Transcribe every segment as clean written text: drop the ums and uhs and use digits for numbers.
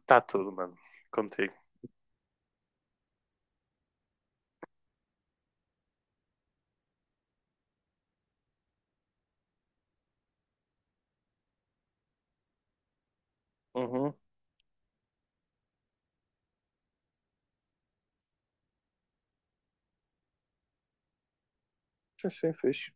Está tudo, mano. Contigo. Uhum. Sim, sim, fixe.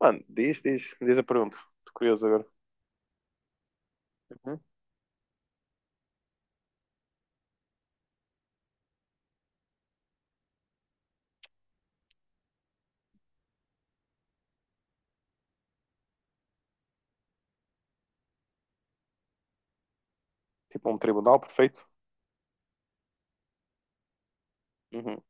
Mano, diz a pergunta. Estou curioso agora. Uhum. Tipo um tribunal perfeito? Uhum.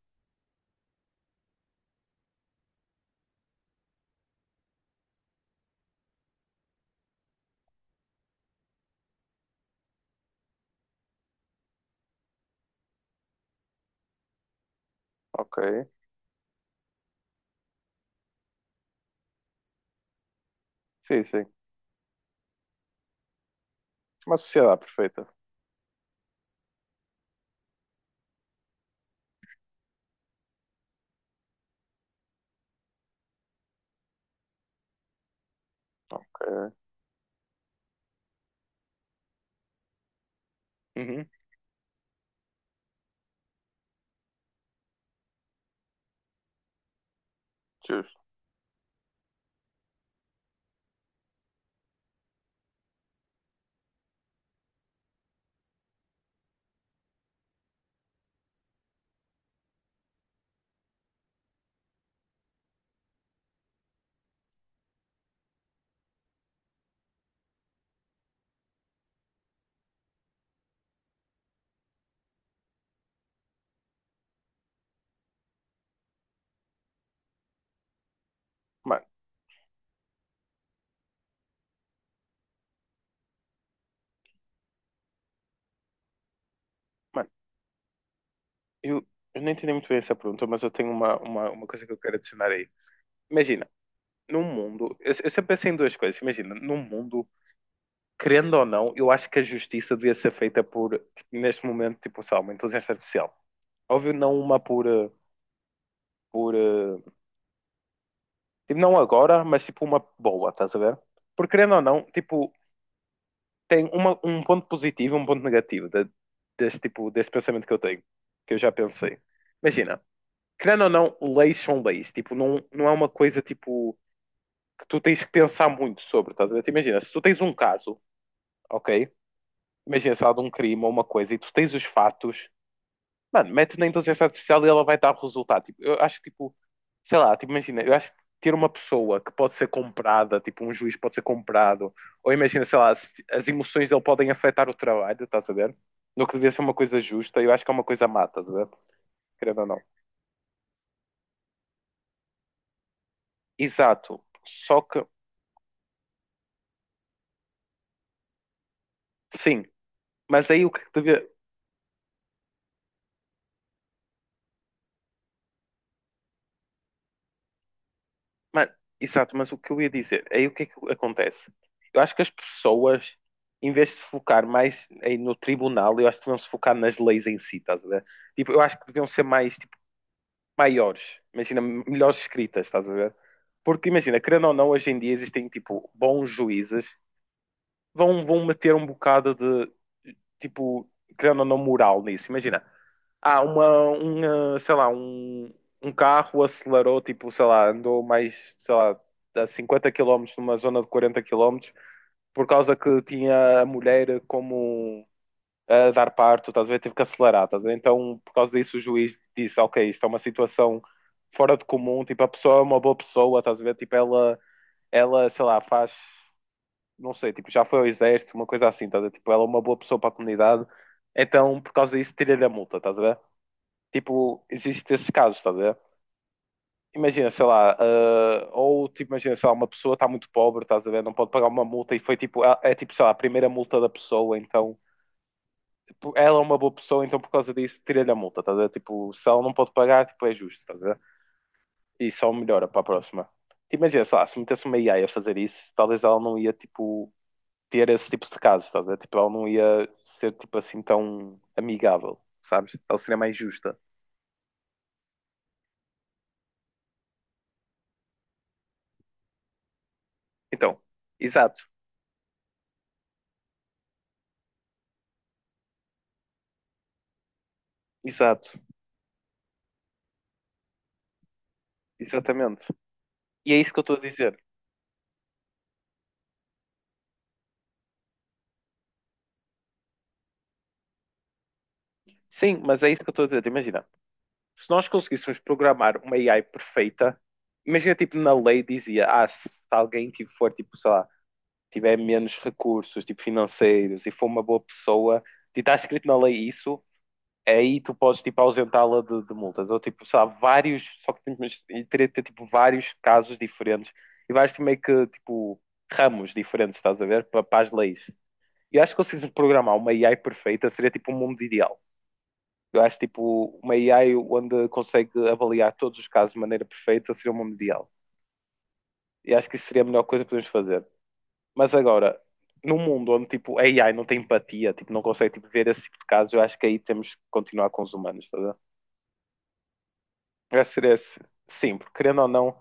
Ok. Sim, sim. Uma sociedade perfeita. Ok. Uhum. Justo. Mano, mano, eu, eu não entendi muito bem essa pergunta, mas eu tenho uma coisa que eu quero adicionar aí. Imagina, num mundo. Eu sempre pensei em duas coisas. Imagina, num mundo, querendo ou não, eu acho que a justiça devia ser feita por, tipo, neste momento, tipo, sei lá, uma inteligência artificial. Óbvio, não uma por, tipo, não agora, mas tipo uma boa, estás a ver? Porque querendo ou não, tipo, tem um ponto positivo e um ponto negativo deste tipo, deste pensamento que eu tenho, que eu já pensei. Imagina, querendo ou não, leis são leis, tipo, não, não é uma coisa tipo que tu tens que pensar muito sobre, estás a ver? Tipo, imagina, se tu tens um caso, ok? Imagina, sei lá, de um crime ou uma coisa e tu tens os fatos. Mano, mete na inteligência artificial e ela vai dar o resultado. Tipo, eu acho que, tipo, sei lá, tipo, imagina, eu acho que ter uma pessoa que pode ser comprada, tipo, um juiz pode ser comprado, ou imagina, sei lá, as emoções dele podem afetar o trabalho, estás a ver? No que devia ser uma coisa justa, eu acho que é uma coisa má, estás a ver? Querendo ou não. Exato. Só que, sim, mas aí o que devia. Mano, exato, mas o que eu ia dizer, aí o que é que acontece? Eu acho que as pessoas, em vez de se focar mais aí no tribunal, eu acho que deviam se focar nas leis em si, estás a ver? Tipo, eu acho que deviam ser mais, tipo, maiores, imagina, melhores escritas, estás a ver? Porque imagina, querendo ou não, hoje em dia existem, tipo, bons juízes, vão meter um bocado de, tipo, querendo ou não, moral nisso. Imagina, ah, uma, sei lá, um carro acelerou, tipo, sei lá, andou mais, sei lá, a 50 quilómetros numa zona de 40 quilómetros por causa que tinha a mulher como a dar parto, estás a ver? Teve que acelerar, estás a ver? Então, por causa disso, o juiz disse, ok, isto é uma situação fora de comum, tipo, a pessoa é uma boa pessoa, estás a ver? Tipo, ela, sei lá, faz, não sei, tipo, já foi ao exército, uma coisa assim, estás a ver? Tipo, ela é uma boa pessoa para a comunidade, então, por causa disso, tira-lhe a multa, estás a ver? Tipo, existe esses casos, estás a ver? Imagina, sei lá, ou tipo, imagina, sei lá, uma pessoa está muito pobre, estás a ver, não pode pagar uma multa e foi tipo, é, tipo, sei lá, a primeira multa da pessoa, então tipo, ela é uma boa pessoa, então por causa disso tira-lhe a multa, estás a ver? Tipo, se ela não pode pagar, tipo, é justo, estás a ver? E só melhora para a próxima. Tipo, imagina, sei lá, se metesse uma AI a fazer isso, talvez ela não ia, tipo, ter esse tipo de casos, estás a ver? Tipo, ela não ia ser, tipo, assim tão amigável, sabes? Ela seria mais justa. Então, exato, exato. Exatamente. E é isso que eu estou a dizer. Sim, mas é isso que eu estou a dizer. Imagina, se nós conseguíssemos programar uma AI perfeita, imagina, tipo, na lei dizia, se alguém tipo, for, tipo, sei lá, tiver menos recursos, tipo, financeiros e for uma boa pessoa, e está escrito na lei isso, aí tu podes, tipo, ausentá-la de multas. Ou, tipo, sei lá, vários, só que teria de ter, tipo, vários casos diferentes e vários, tipo, meio que, tipo, ramos diferentes, estás a ver, para as leis. Eu acho que consegues programar uma AI perfeita seria tipo um mundo ideal. Eu acho tipo uma AI onde consegue avaliar todos os casos de maneira perfeita seria um mundo ideal. E acho que isso seria a melhor coisa que podemos fazer. Mas agora, num mundo onde tipo a AI não tem empatia, tipo, não consegue tipo, ver esse tipo de casos, eu acho que aí temos que continuar com os humanos, tá vendo? Eu acho que seria esse. Sim, porque querendo ou não,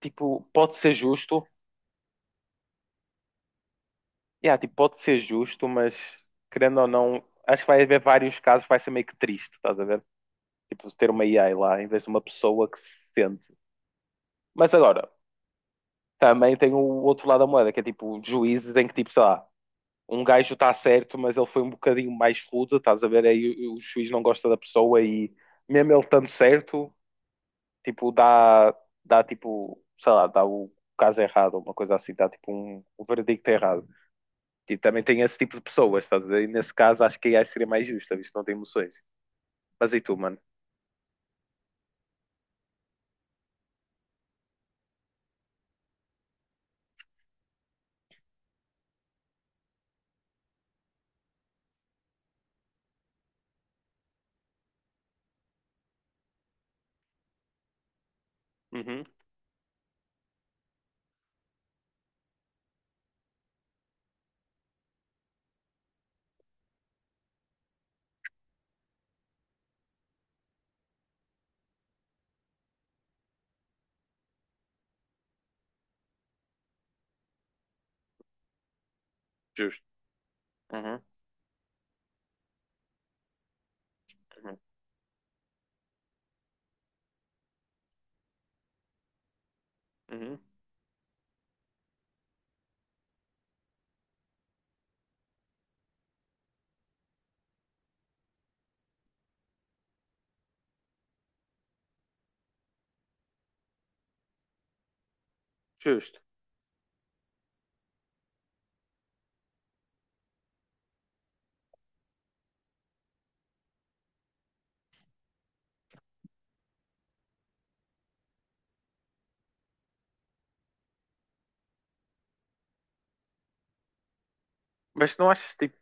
tipo, pode ser justo, yeah, tipo, pode ser justo, mas querendo ou não, acho que vai haver vários casos, que vai ser meio que triste, estás a ver? Tipo, ter uma AI lá em vez de uma pessoa que se sente. Mas agora, também tem o outro lado da moeda, que é tipo juízes em que tipo, sei lá, um gajo está certo, mas ele foi um bocadinho mais rude, estás a ver? Aí o juiz não gosta da pessoa e mesmo ele estando certo, tipo, dá tipo, sei lá, dá o caso errado, uma coisa assim, dá tipo um verdicto errado. E também tem esse tipo de pessoas, estás a ver? E nesse caso acho que a AI seria mais justa, visto que não tem emoções. Mas e tu, mano? Uhum, justo. Uhum, uhum, uhum. Justo. Mas não achas tipo,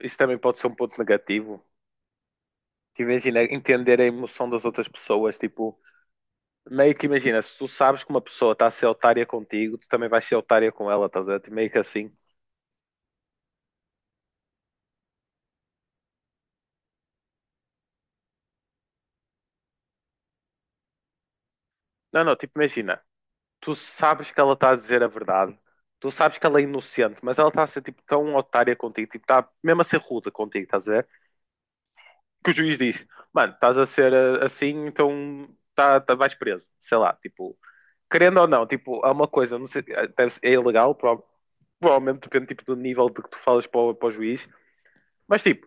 isso também pode ser um ponto negativo? Que imagina entender a emoção das outras pessoas, tipo, meio que imagina, se tu sabes que uma pessoa está a ser otária contigo, tu também vais ser otária com ela, estás a ver? Tipo, meio que assim. Não, não, tipo, imagina, tu sabes que ela está a dizer a verdade, tu sabes que ela é inocente, mas ela está a ser tipo tão otária contigo, tipo, está mesmo a ser rude contigo, estás a ver? Que o juiz diz, mano, estás a ser assim, então vais preso, sei lá, tipo. Querendo ou não, tipo, há uma coisa, não sei, é ilegal, provavelmente depende tipo, do nível de que tu falas para o, juiz, mas tipo,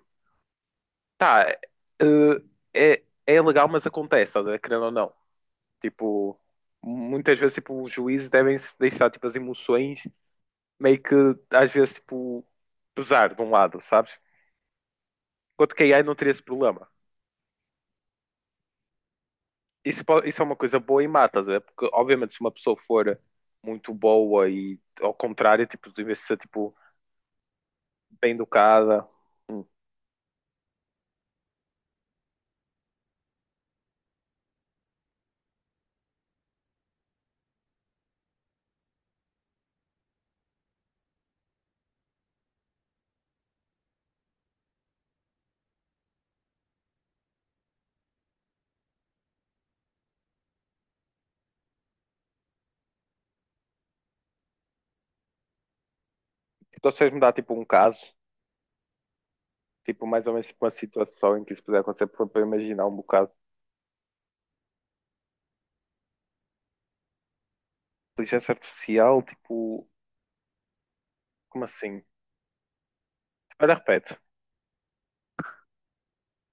tá, é ilegal, mas acontece, estás a ver? Querendo ou não. Tipo, muitas vezes tipo, os juízes devem se deixar tipo, as emoções meio que às vezes tipo, pesar de um lado, sabes? Enquanto que a AI não teria esse problema. Isso, isso é uma coisa boa e má, estás a ver? Porque obviamente se uma pessoa for muito boa e ao contrário, tipo, deve ser tipo, bem educada. Então, se vocês me dar tipo um caso, tipo mais ou menos tipo, uma situação em que isso puder acontecer, para eu imaginar um bocado. Inteligência artificial, tipo, como assim? Olha, repete.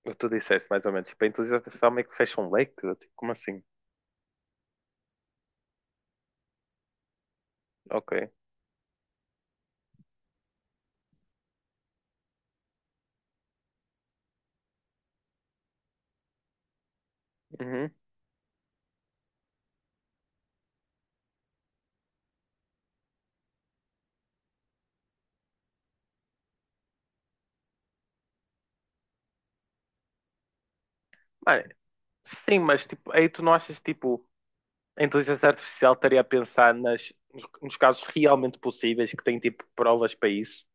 O que tu disseste mais ou menos, tipo, a inteligência artificial meio que fecha um leque, tipo, como assim? Ok. Uhum. Mano, sim, mas tipo, aí tu não achas tipo, a inteligência artificial estaria a pensar nas, nos casos realmente possíveis que tem tipo provas para isso?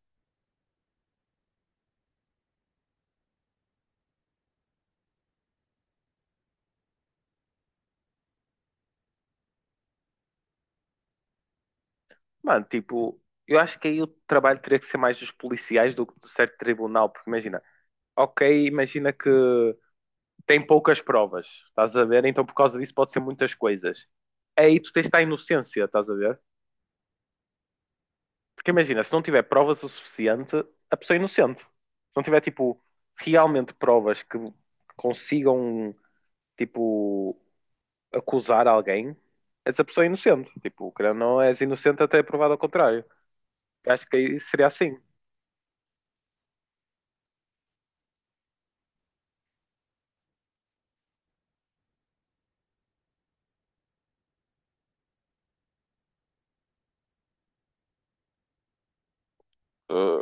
Mano, tipo, eu acho que aí o trabalho teria que ser mais dos policiais do que do certo tribunal, porque imagina, ok, imagina que tem poucas provas, estás a ver? Então por causa disso pode ser muitas coisas. Aí tu tens de estar inocência, estás a ver? Porque imagina, se não tiver provas o suficiente, a pessoa é inocente. Se não tiver, tipo, realmente provas que consigam, tipo, acusar alguém, essa pessoa é inocente. Tipo, querendo ou não és inocente até provado ao contrário. Eu acho que aí seria assim. Uh,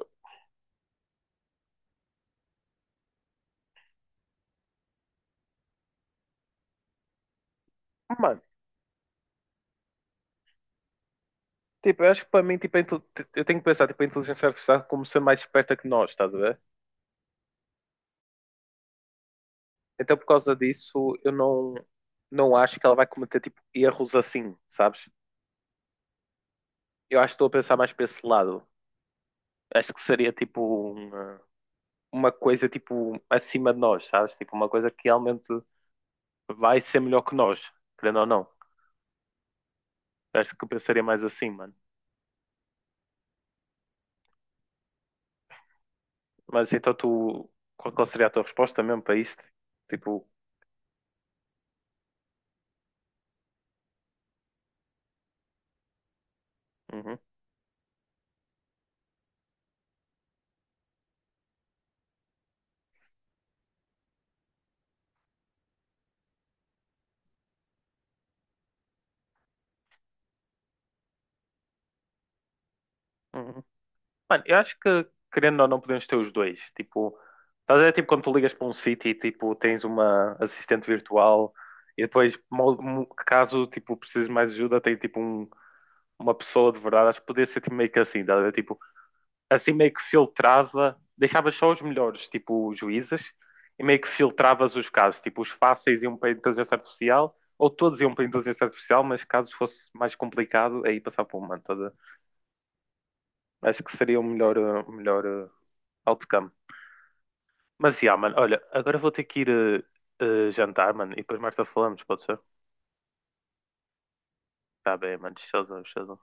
Mano, tipo, eu acho que para mim, tipo, a eu tenho que pensar, tipo, a inteligência artificial como ser mais esperta que nós, estás a ver? Então, por causa disso, eu não acho que ela vai cometer tipo erros assim, sabes? Eu acho que estou a pensar mais para esse lado. Acho que seria tipo uma, uma coisa tipo acima de nós, sabes? Tipo uma coisa que realmente vai ser melhor que nós, querendo ou não. Acho que eu pensaria mais assim, mano. Mas então tu, qual seria a tua resposta mesmo para isto? Tipo, uhum, uhum. Mano, eu acho que, querendo ou não, podemos ter os dois. Tipo, estás a ver, tipo, quando tu ligas para um sítio e, tipo, tens uma assistente virtual e depois, caso, tipo, precises mais ajuda, tem, tipo, uma pessoa de verdade. Acho que podia ser, tipo, meio que assim, estás a ver? Tipo, assim meio que filtrava, deixavas só os melhores, tipo, os juízes e meio que filtravas os casos. Tipo, os fáceis iam para a inteligência artificial ou todos iam para a inteligência artificial, mas caso fosse mais complicado, aí passava para o humano. Acho que seria o melhor outcome. Mas, yeah, mano, olha, agora vou ter que ir jantar, mano, e depois mais tarde falamos, pode ser? Tá bem, mano, showzão, showzão.